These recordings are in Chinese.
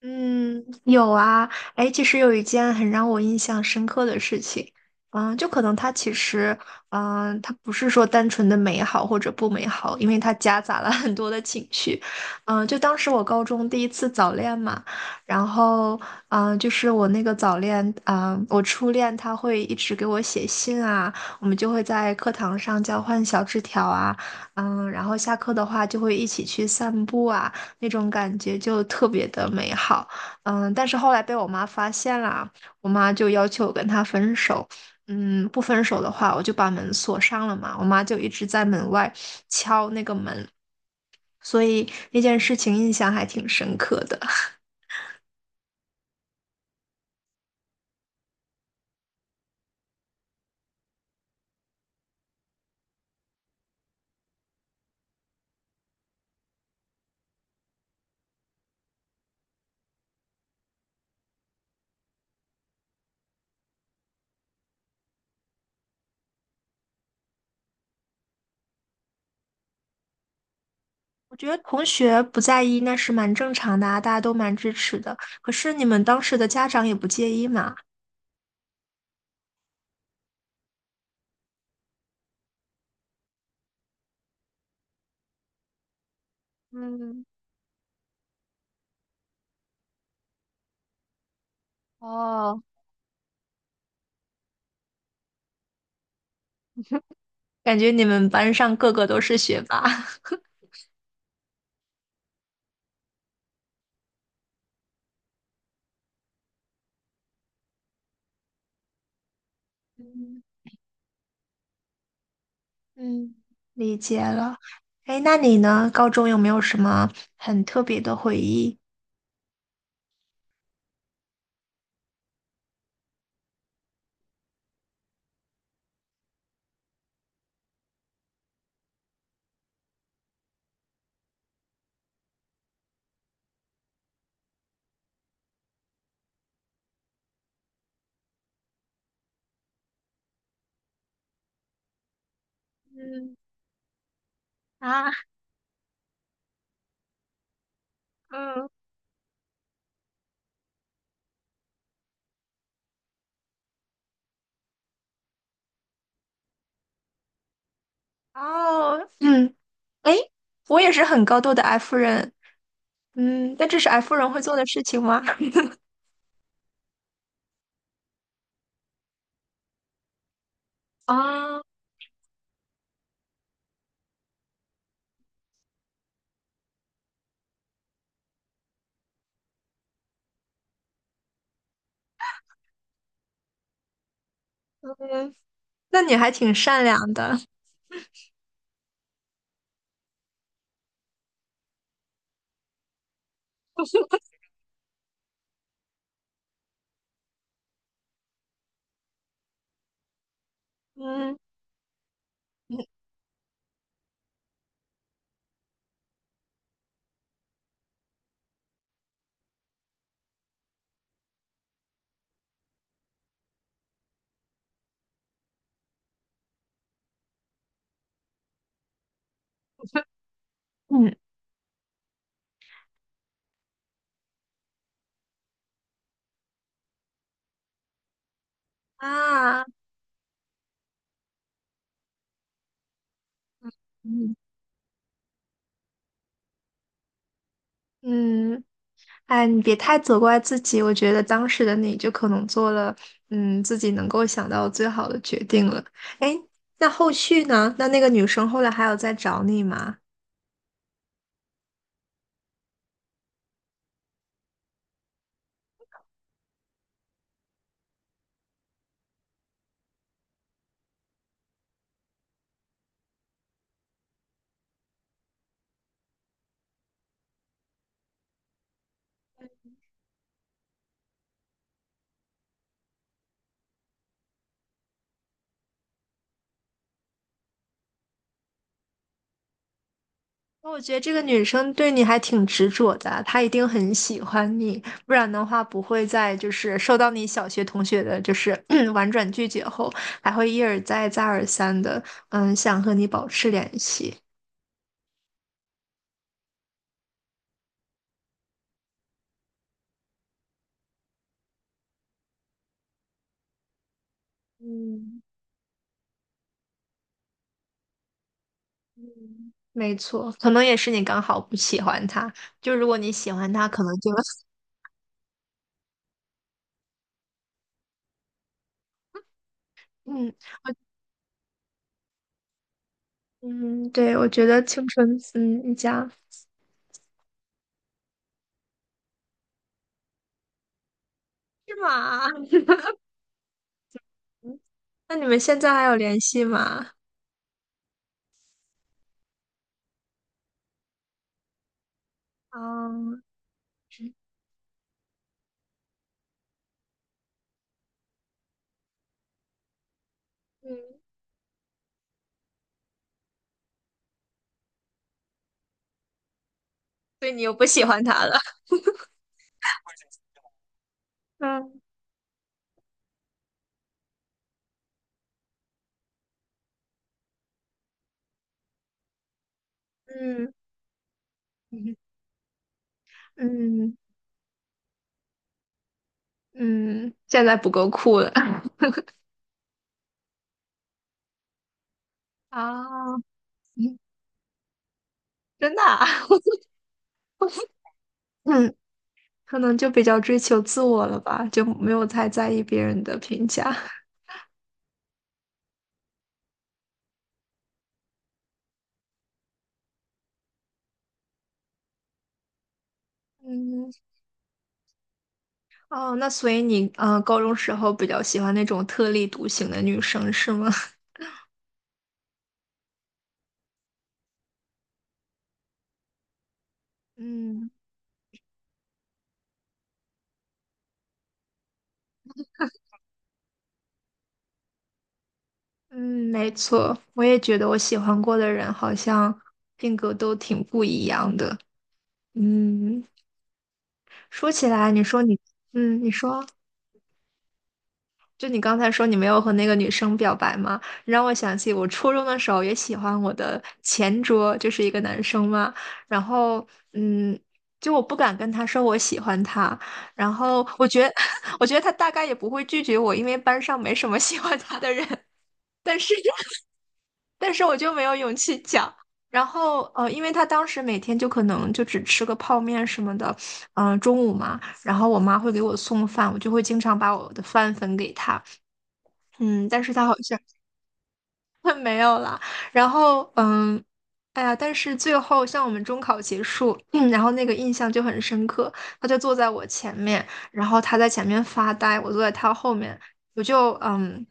嗯，有啊，哎，其实有一件很让我印象深刻的事情，就可能它其实，它不是说单纯的美好或者不美好，因为它夹杂了很多的情绪，就当时我高中第一次早恋嘛，然后，就是我那个早恋，我初恋他会一直给我写信啊，我们就会在课堂上交换小纸条啊，然后下课的话就会一起去散步啊。那种感觉就特别的美好。但是后来被我妈发现了，我妈就要求我跟她分手。不分手的话，我就把门锁上了嘛。我妈就一直在门外敲那个门，所以那件事情印象还挺深刻的。我觉得同学不在意那是蛮正常的啊，大家都蛮支持的。可是你们当时的家长也不介意嘛？哦，感觉你们班上个个都是学霸。嗯嗯，理解了。哎，那你呢？高中有没有什么很特别的回忆？哦，嗯，哎，我也是很高度的 F 人，嗯，但这是 F 人会做的事情吗？啊，嗯，那你还挺善良的，嗯嗯 嗯啊，嗯嗯，哎，你别太责怪自己，我觉得当时的你就可能做了，自己能够想到最好的决定了。哎，那后续呢？那个女生后来还有再找你吗？那我觉得这个女生对你还挺执着的，她一定很喜欢你，不然的话不会在就是受到你小学同学的就是 婉转拒绝后，还会一而再再而三的，想和你保持联系。嗯。没错，可能也是你刚好不喜欢他。就如果你喜欢他，可能就 嗯，嗯，对，我觉得青春，嗯，一家是吗？那你们现在还有联系吗？嗯嗯，所以你又不喜欢他了。嗯嗯嗯嗯嗯，现在不够酷了。啊，嗯真的啊，嗯，可能就比较追求自我了吧，就没有太在意别人的评价。嗯。哦，那所以你高中时候比较喜欢那种特立独行的女生是吗？嗯嗯，没错，我也觉得我喜欢过的人好像性格都挺不一样的。嗯，说起来，你说你，你说。就你刚才说你没有和那个女生表白吗？让我想起我初中的时候也喜欢我的前桌，就是一个男生嘛。然后，嗯，就我不敢跟他说我喜欢他。然后我觉得，我觉得他大概也不会拒绝我，因为班上没什么喜欢他的人。但是，但是我就没有勇气讲。然后，因为他当时每天就可能就只吃个泡面什么的，嗯、中午嘛，然后我妈会给我送饭，我就会经常把我的饭分给他，嗯，但是他好像。没有啦。然后，哎呀，但是最后像我们中考结束，然后那个印象就很深刻。他就坐在我前面，然后他在前面发呆，我坐在他后面，我就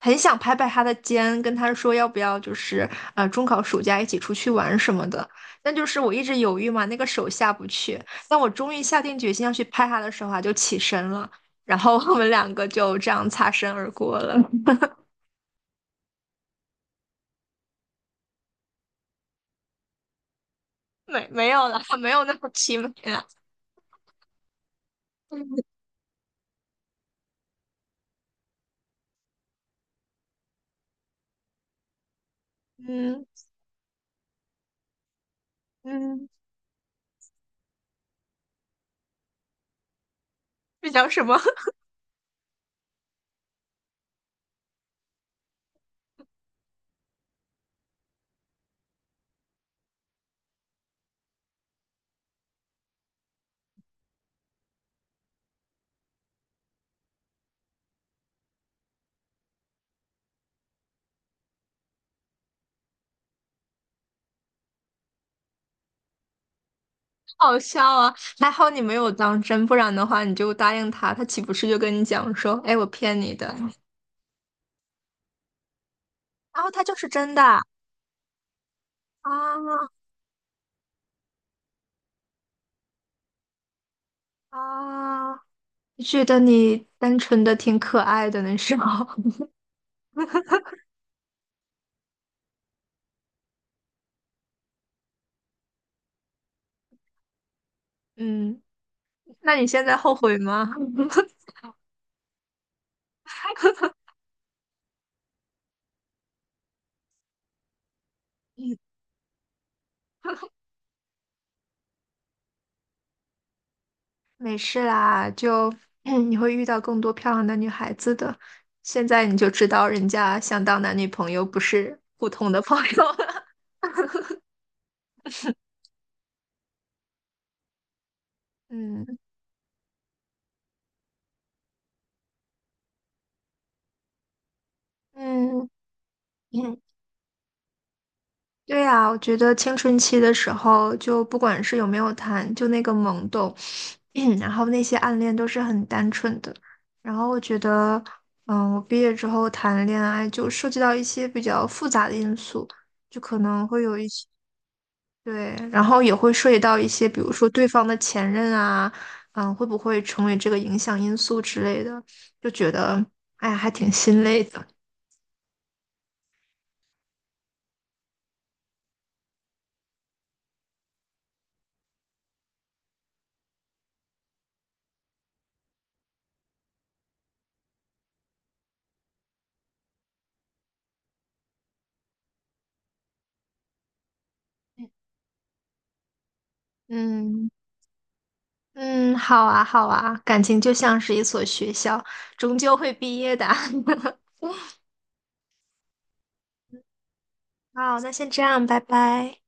很想拍拍他的肩，跟他说要不要就是中考暑假一起出去玩什么的。但就是我一直犹豫嘛，那个手下不去。当我终于下定决心要去拍他的时候啊，就起身了，然后我们两个就这样擦身而过了。没有啦，没有那么凄美啦。嗯嗯，这叫什么？好笑啊！还好你没有当真，不然的话你就答应他，他岂不是就跟你讲说，哎，我骗你的，然后他就是真的啊啊！觉得你单纯的挺可爱的那时候，嗯，那你现在后悔吗？没事啦，就 你会遇到更多漂亮的女孩子的。现在你就知道人家想当男女朋友，不是普通的朋友了 嗯嗯嗯，对呀，我觉得青春期的时候，就不管是有没有谈，就那个懵懂，然后那些暗恋都是很单纯的。然后我觉得，我毕业之后谈恋爱就涉及到一些比较复杂的因素，就可能会有一些。对，然后也会涉及到一些，比如说对方的前任啊，会不会成为这个影响因素之类的，就觉得，哎呀，还挺心累的。嗯嗯，好啊好啊，感情就像是一所学校，终究会毕业的。好，那先这样，拜拜。